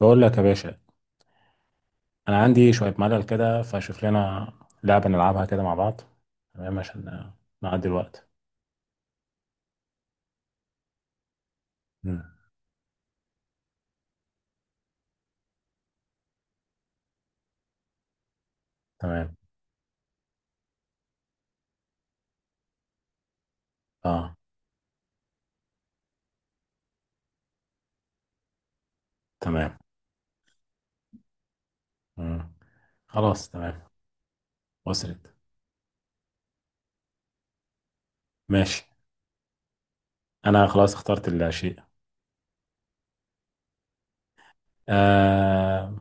بقول لك يا باشا، انا عندي شويه ملل كده فشوف لنا لعبه نلعبها كده مع بعض. تمام عشان نعدي الوقت. مم. تمام. اه تمام. مم. خلاص تمام. وصلت. ماشي، انا خلاص اخترت الشيء. آه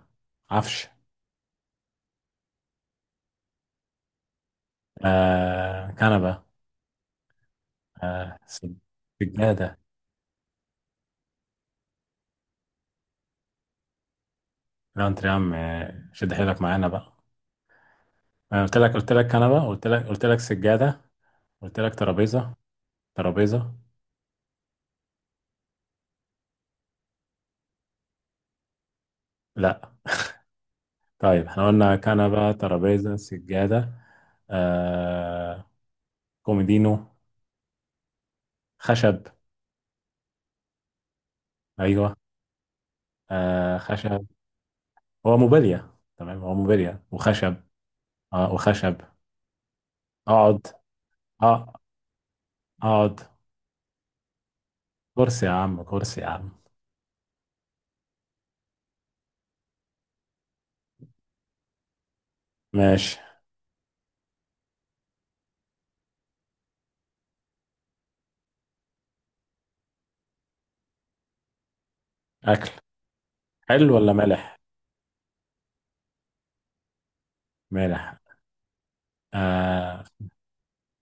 عفش. آه كنبه. آه سجاده. لا انت يا عم، آه، شد حيلك معانا بقى. انا قلت لك قلت لك كنبه، قلت لك قلت لك سجاده، قلت لك ترابيزه. ترابيزه. لا. طيب احنا قلنا كنبة ترابيزة سجادة. آه كوميدينو خشب. ايوه آه خشب. هو موبيليا، تمام هو موبيليا وخشب. اه وخشب. اقعد، اه اقعد. كرسي يا عم، كرسي يا عم. ماشي. اكل. حلو ولا مالح؟ مالح. اه،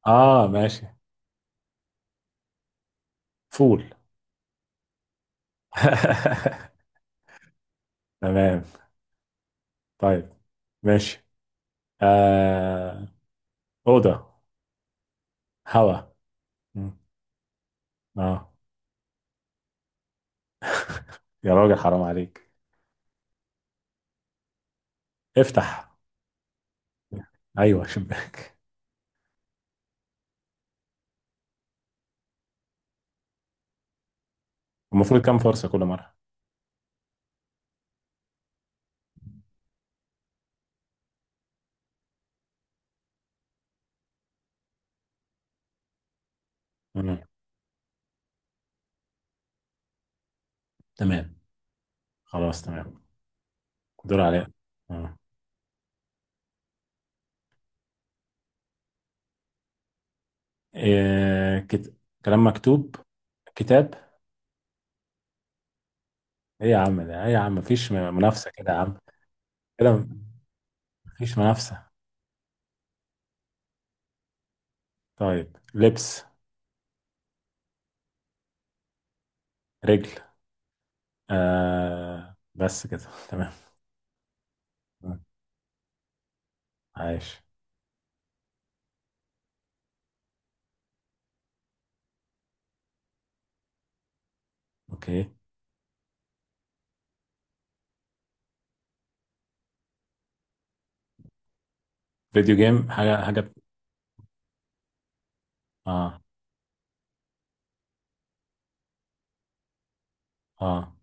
آه ماشي. فول. تمام. طيب ماشي. آه أوضة. هوا. مم. اه. يا راجل حرام عليك. افتح. ايوه شباك. المفروض كام فرصه كل مره؟ مم. تمام. خلاص تمام. دور عليا. آه. إيه كلام مكتوب. كتاب. ايه يا عم ده، ايه يا عم مفيش منافسه كده يا عم. كده مفيش منافسه. طيب لبس. رجل. آه بس كده. تمام. مم. عايش. اوكي. فيديو جيم، حاجه حاجه. اه، اه،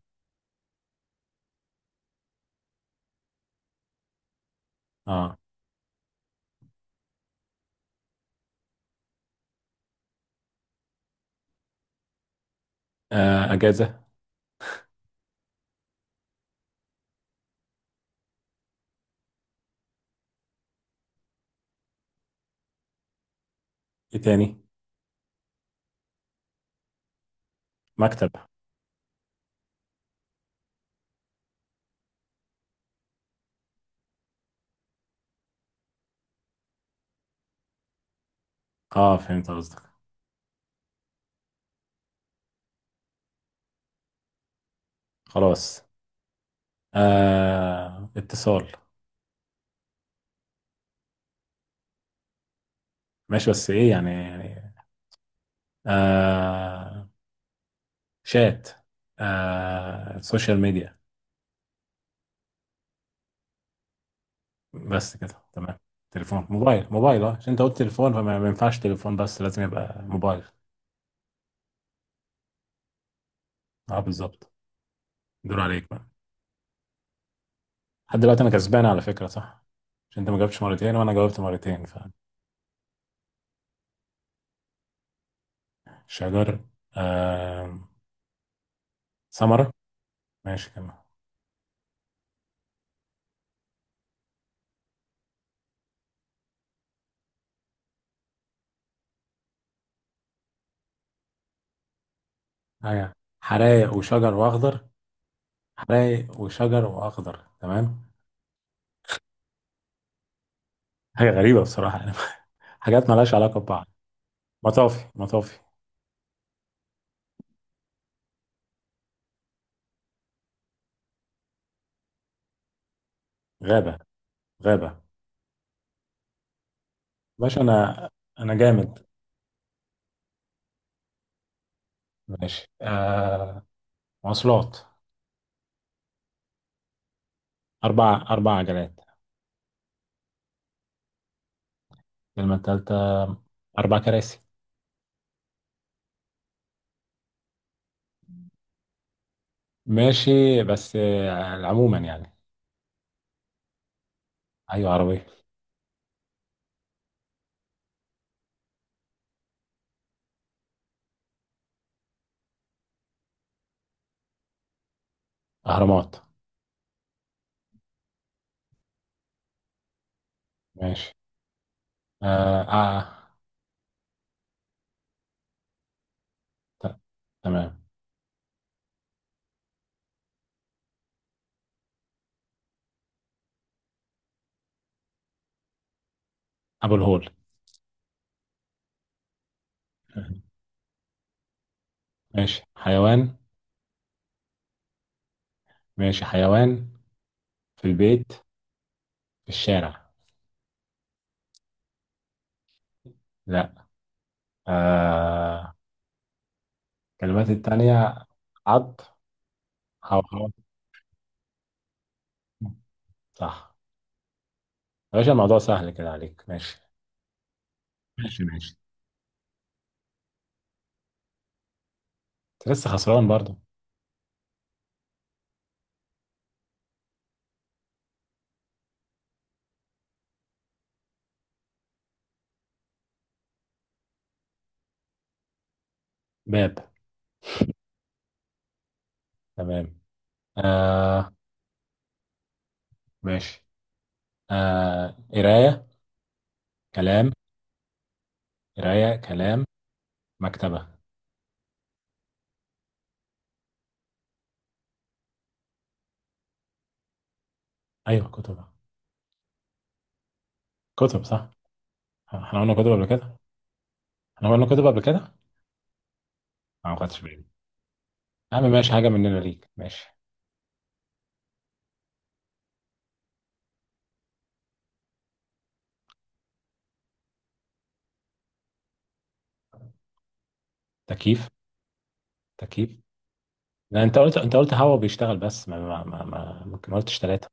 اه، آه. اجازه. ايه تاني؟ مكتب. اه فهمت قصدك. خلاص. آه اتصال. ماشي بس ايه يعني يعني. آه شات. آه سوشيال ميديا. بس كده تمام. تليفون موبايل موبايل. اه عشان انت قلت تليفون فما ما ينفعش تليفون، بس لازم يبقى موبايل. اه بالظبط. دور عليك بقى. لحد دلوقتي انا كسبان على فكرة، صح؟ عشان انت ما جاوبتش مرتين وانا جاوبت مرتين. فشجر. آه ثمرة. ماشي كمان. حاجة. حرايق وشجر واخضر. حرايق وشجر واخضر تمام. حاجة غريبة بصراحة يعني. حاجات مالهاش علاقة ببعض. مطافي مطافي. غابة. غابة. باشا أنا، أنا جامد. ماشي آه مواصلات. أربع عجلات. الكلمة التالتة. أربع كراسي. ماشي بس آه عموما يعني. أيوة عربية. أهرامات. ماشي. آه، آه. ت- تمام. أبو الهول. ماشي حيوان. ماشي حيوان. في البيت، في الشارع. لا. آه. الكلمات التانية. عط. أو خلاص. صح. يا باشا الموضوع سهل كده عليك؟ ماشي ماشي ماشي. انت لسه خسران برضو. باب. تمام. آه ماشي. آه قراية كلام. قراية كلام. مكتبة. أيوة كتب. كتب صح. احنا قلنا كتب قبل كده. احنا قلنا كتب قبل كده. أنا ما خدتش بالي. يا عم ماشي، حاجة مننا ليك ماشي. تكييف. تكييف. لا انت قلت، انت قلت هوا بيشتغل بس ما قلتش ثلاثة.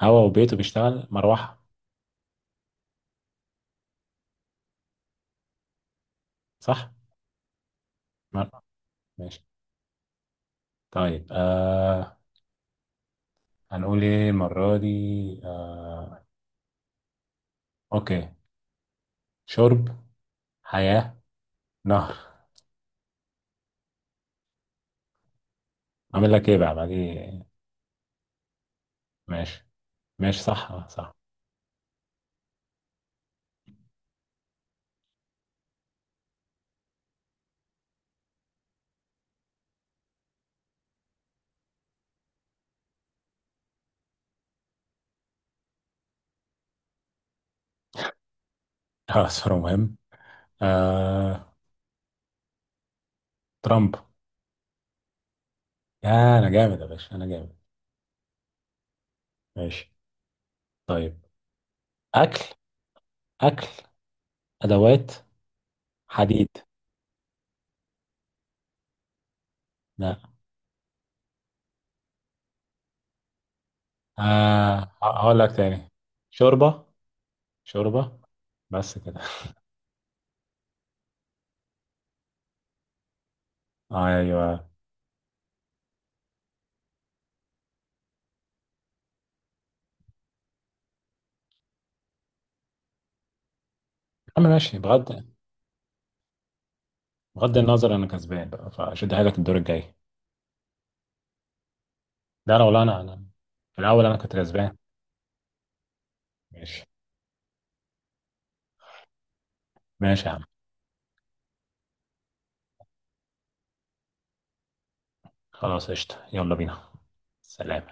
هوا وبيته بيشتغل مروحة. صح. ماشي. طيب آه هنقول ايه المرة دي؟ آه. اوكي. شرب. حياة. نهر. عامل لك ايه بقى بعدي؟ ماشي ماشي صح. آه، صح. اه صورة مهم. آه ترامب. يا، انا جامد يا باشا، انا جامد. ماشي. طيب. اكل. اكل. ادوات. حديد. لا. آه هقول لك تاني. شوربة. شوربة. بس كده. ايوه يا عم ماشي. بغض. بغض النظر انا كسبان بقى، فشد حيلك الدور الجاي. ده لو لا، انا في الاول انا كنت كسبان. ماشي. ماشي يا عم. خلاص قشطة يلا بينا. سلام.